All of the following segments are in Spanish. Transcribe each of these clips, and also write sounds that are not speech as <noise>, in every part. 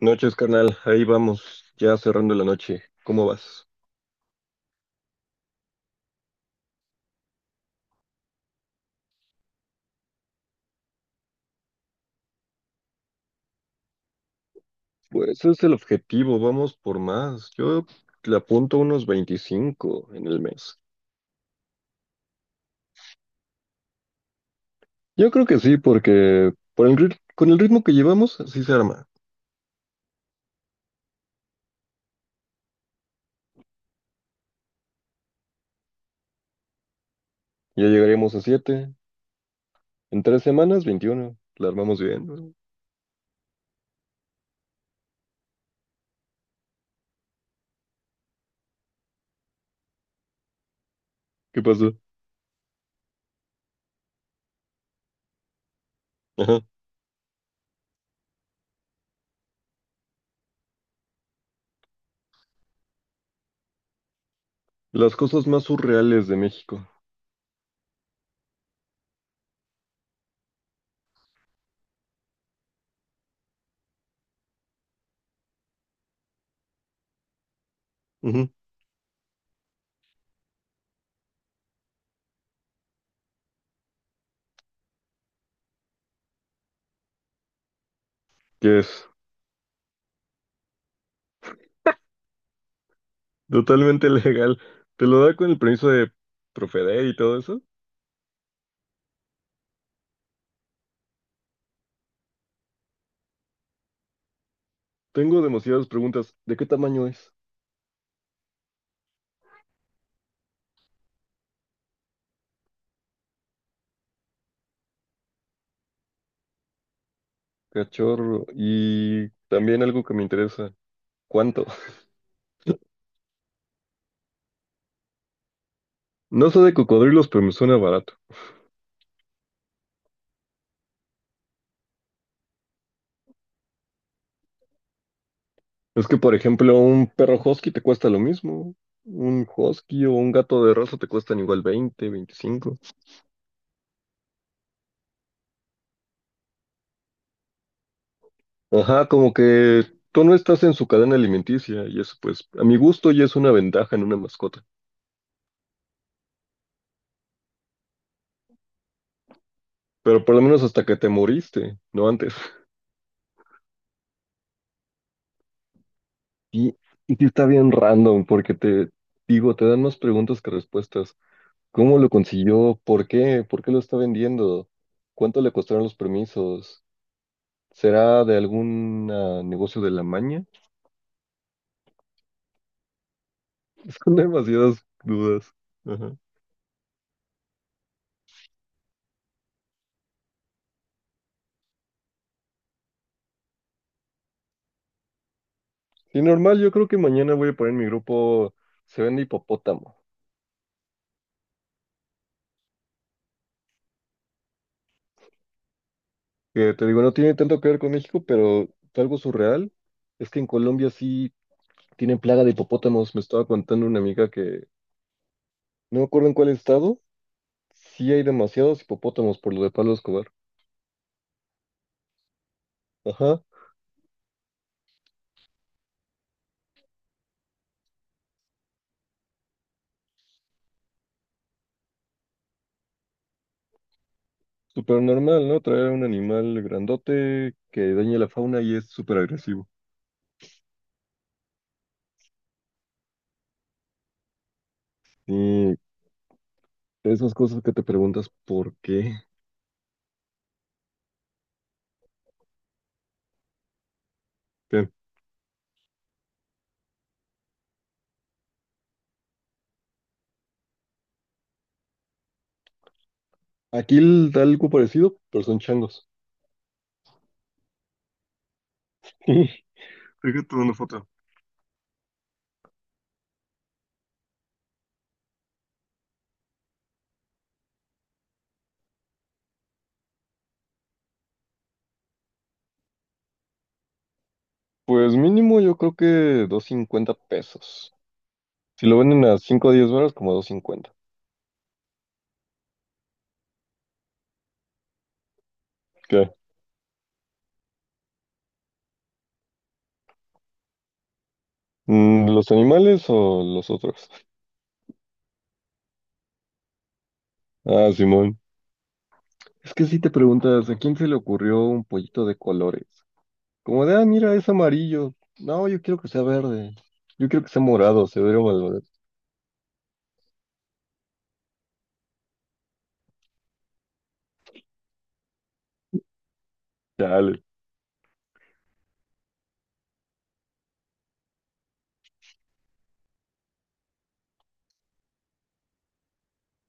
Noches, carnal. Ahí vamos, ya cerrando la noche. ¿Cómo vas? Pues ese es el objetivo, vamos por más. Yo le apunto unos 25 en el mes. Yo creo que sí, porque con el ritmo que llevamos, sí se arma. Ya llegaríamos a 7. En 3 semanas, 21. La armamos bien. ¿Qué pasó? Ajá. Las cosas más surreales de México. Ujú. Que es totalmente <laughs> legal. Te lo da con el permiso de Profeder y todo eso. Tengo demasiadas preguntas. ¿De qué tamaño es? Cachorro. Y también algo que me interesa. ¿Cuánto? <laughs> No sé de cocodrilos, pero me suena barato. Es que, por ejemplo, un perro husky te cuesta lo mismo. Un husky o un gato de raza te cuestan igual 20, 25. Ajá, como que tú no estás en su cadena alimenticia y eso, pues, a mi gusto ya es una ventaja en una mascota. Pero por lo menos hasta que te moriste, no antes. <laughs> Y, y sí está bien random porque te digo, te dan más preguntas que respuestas. ¿Cómo lo consiguió? ¿Por qué? ¿Por qué lo está vendiendo? ¿Cuánto le costaron los permisos? ¿Será de algún negocio de la maña? <laughs> Son demasiadas dudas. Ajá. Sí, normal, yo creo que mañana voy a poner en mi grupo: Se vende hipopótamo. Que te digo, no tiene tanto que ver con México, pero algo surreal es que en Colombia sí tienen plaga de hipopótamos. Me estaba contando una amiga que no me acuerdo en cuál estado, sí hay demasiados hipopótamos por lo de Pablo Escobar. Ajá. Súper normal, ¿no? Traer un animal grandote que dañe la fauna y es súper agresivo. Y esas cosas que te preguntas por qué. Bien. Aquí da algo parecido, pero son changos. <laughs> Fíjate una foto. Pues mínimo yo creo que 250 pesos. Si lo venden a 5 o 10 varos, como 250. ¿Qué? ¿Los animales o los otros? Ah, Simón. Es que si te preguntas, ¿a quién se le ocurrió un pollito de colores? Como de, ah, mira, es amarillo. No, yo quiero que sea verde. Yo quiero que sea morado, se ve mal. Chale.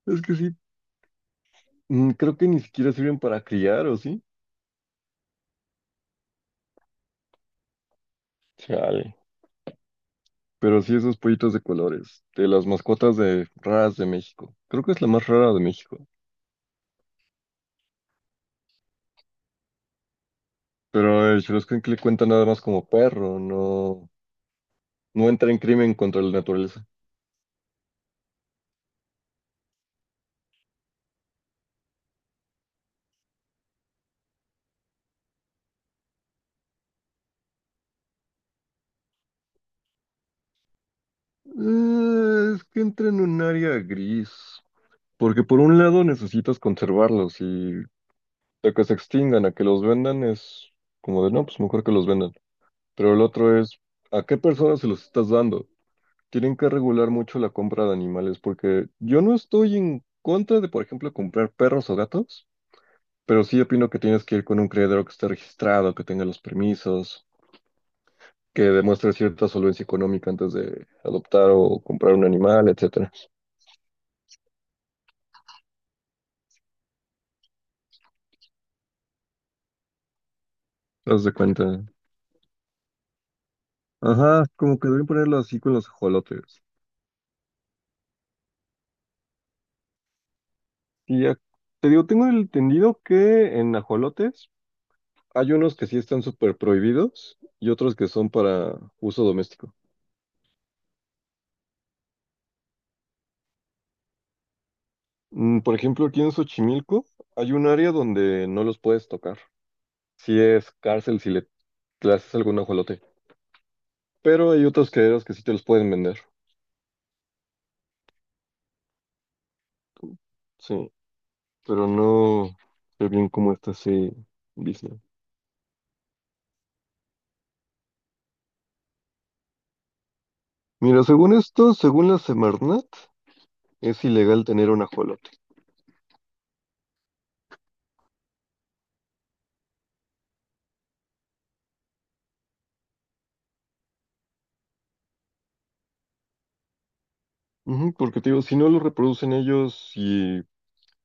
Es que sí, creo que ni siquiera sirven para criar, ¿o sí? Chale. Pero sí, esos pollitos de colores, de las mascotas de raras de México. Creo que es la más rara de México. Pero el le cuenta nada más como perro, no, no entra en crimen contra la naturaleza. Es que entra en un área gris. Porque por un lado necesitas conservarlos y sea, que se extingan, a que los vendan es como de, no, pues mejor que los vendan. Pero el otro es, ¿a qué personas se los estás dando? Tienen que regular mucho la compra de animales porque yo no estoy en contra de, por ejemplo, comprar perros o gatos, pero sí opino que tienes que ir con un criadero que esté registrado, que tenga los permisos, que demuestre cierta solvencia económica antes de adoptar o comprar un animal, etcétera. ¿Te das de cuenta? Ajá, como que deben ponerlo así con los ajolotes. Y ya, te digo, tengo entendido que en ajolotes hay unos que sí están súper prohibidos y otros que son para uso doméstico. Por ejemplo, aquí en Xochimilco hay un área donde no los puedes tocar. Si es cárcel, si le haces algún ajolote. Pero hay otros criaderos que sí te los pueden vender. Sí, pero no sé bien cómo está ese business. Mira, según esto, según la Semarnat, es ilegal tener un ajolote. Ujú, porque te digo, si no lo reproducen ellos y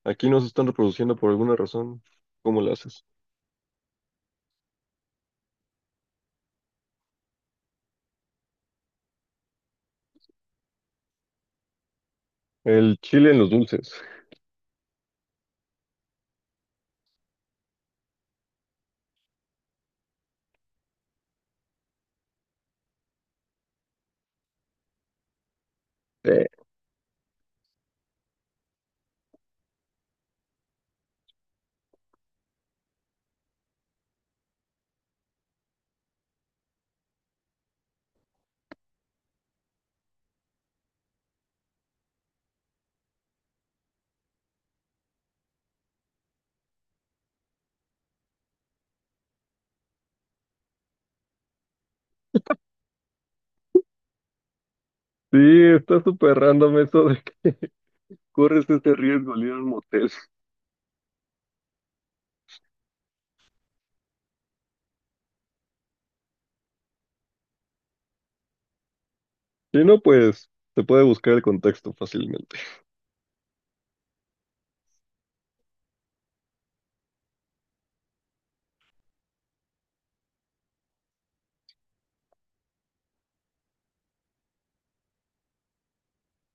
aquí no se están reproduciendo por alguna razón, ¿cómo lo haces? El chile en los dulces. Eh, Sí, está súper random eso de que corres ese riesgo al ir a un motel. Si no, pues se puede buscar el contexto fácilmente.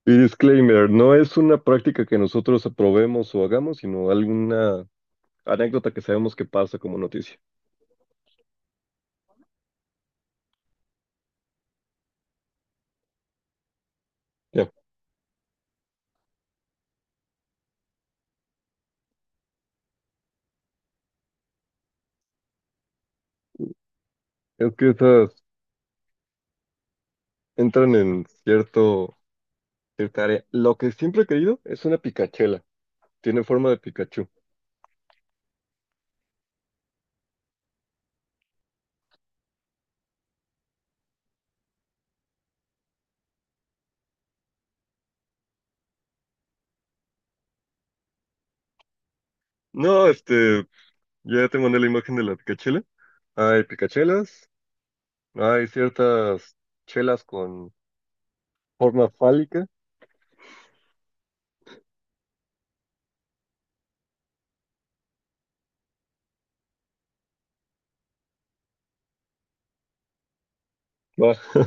Y disclaimer, no es una práctica que nosotros aprobemos o hagamos, sino alguna anécdota que sabemos que pasa como noticia. Ya. Es que esas entran en cierta área. Lo que siempre he querido es una picachela. Tiene forma de Pikachu. No, ya te mandé la imagen de la picachela. Hay picachelas. Hay ciertas chelas con forma fálica que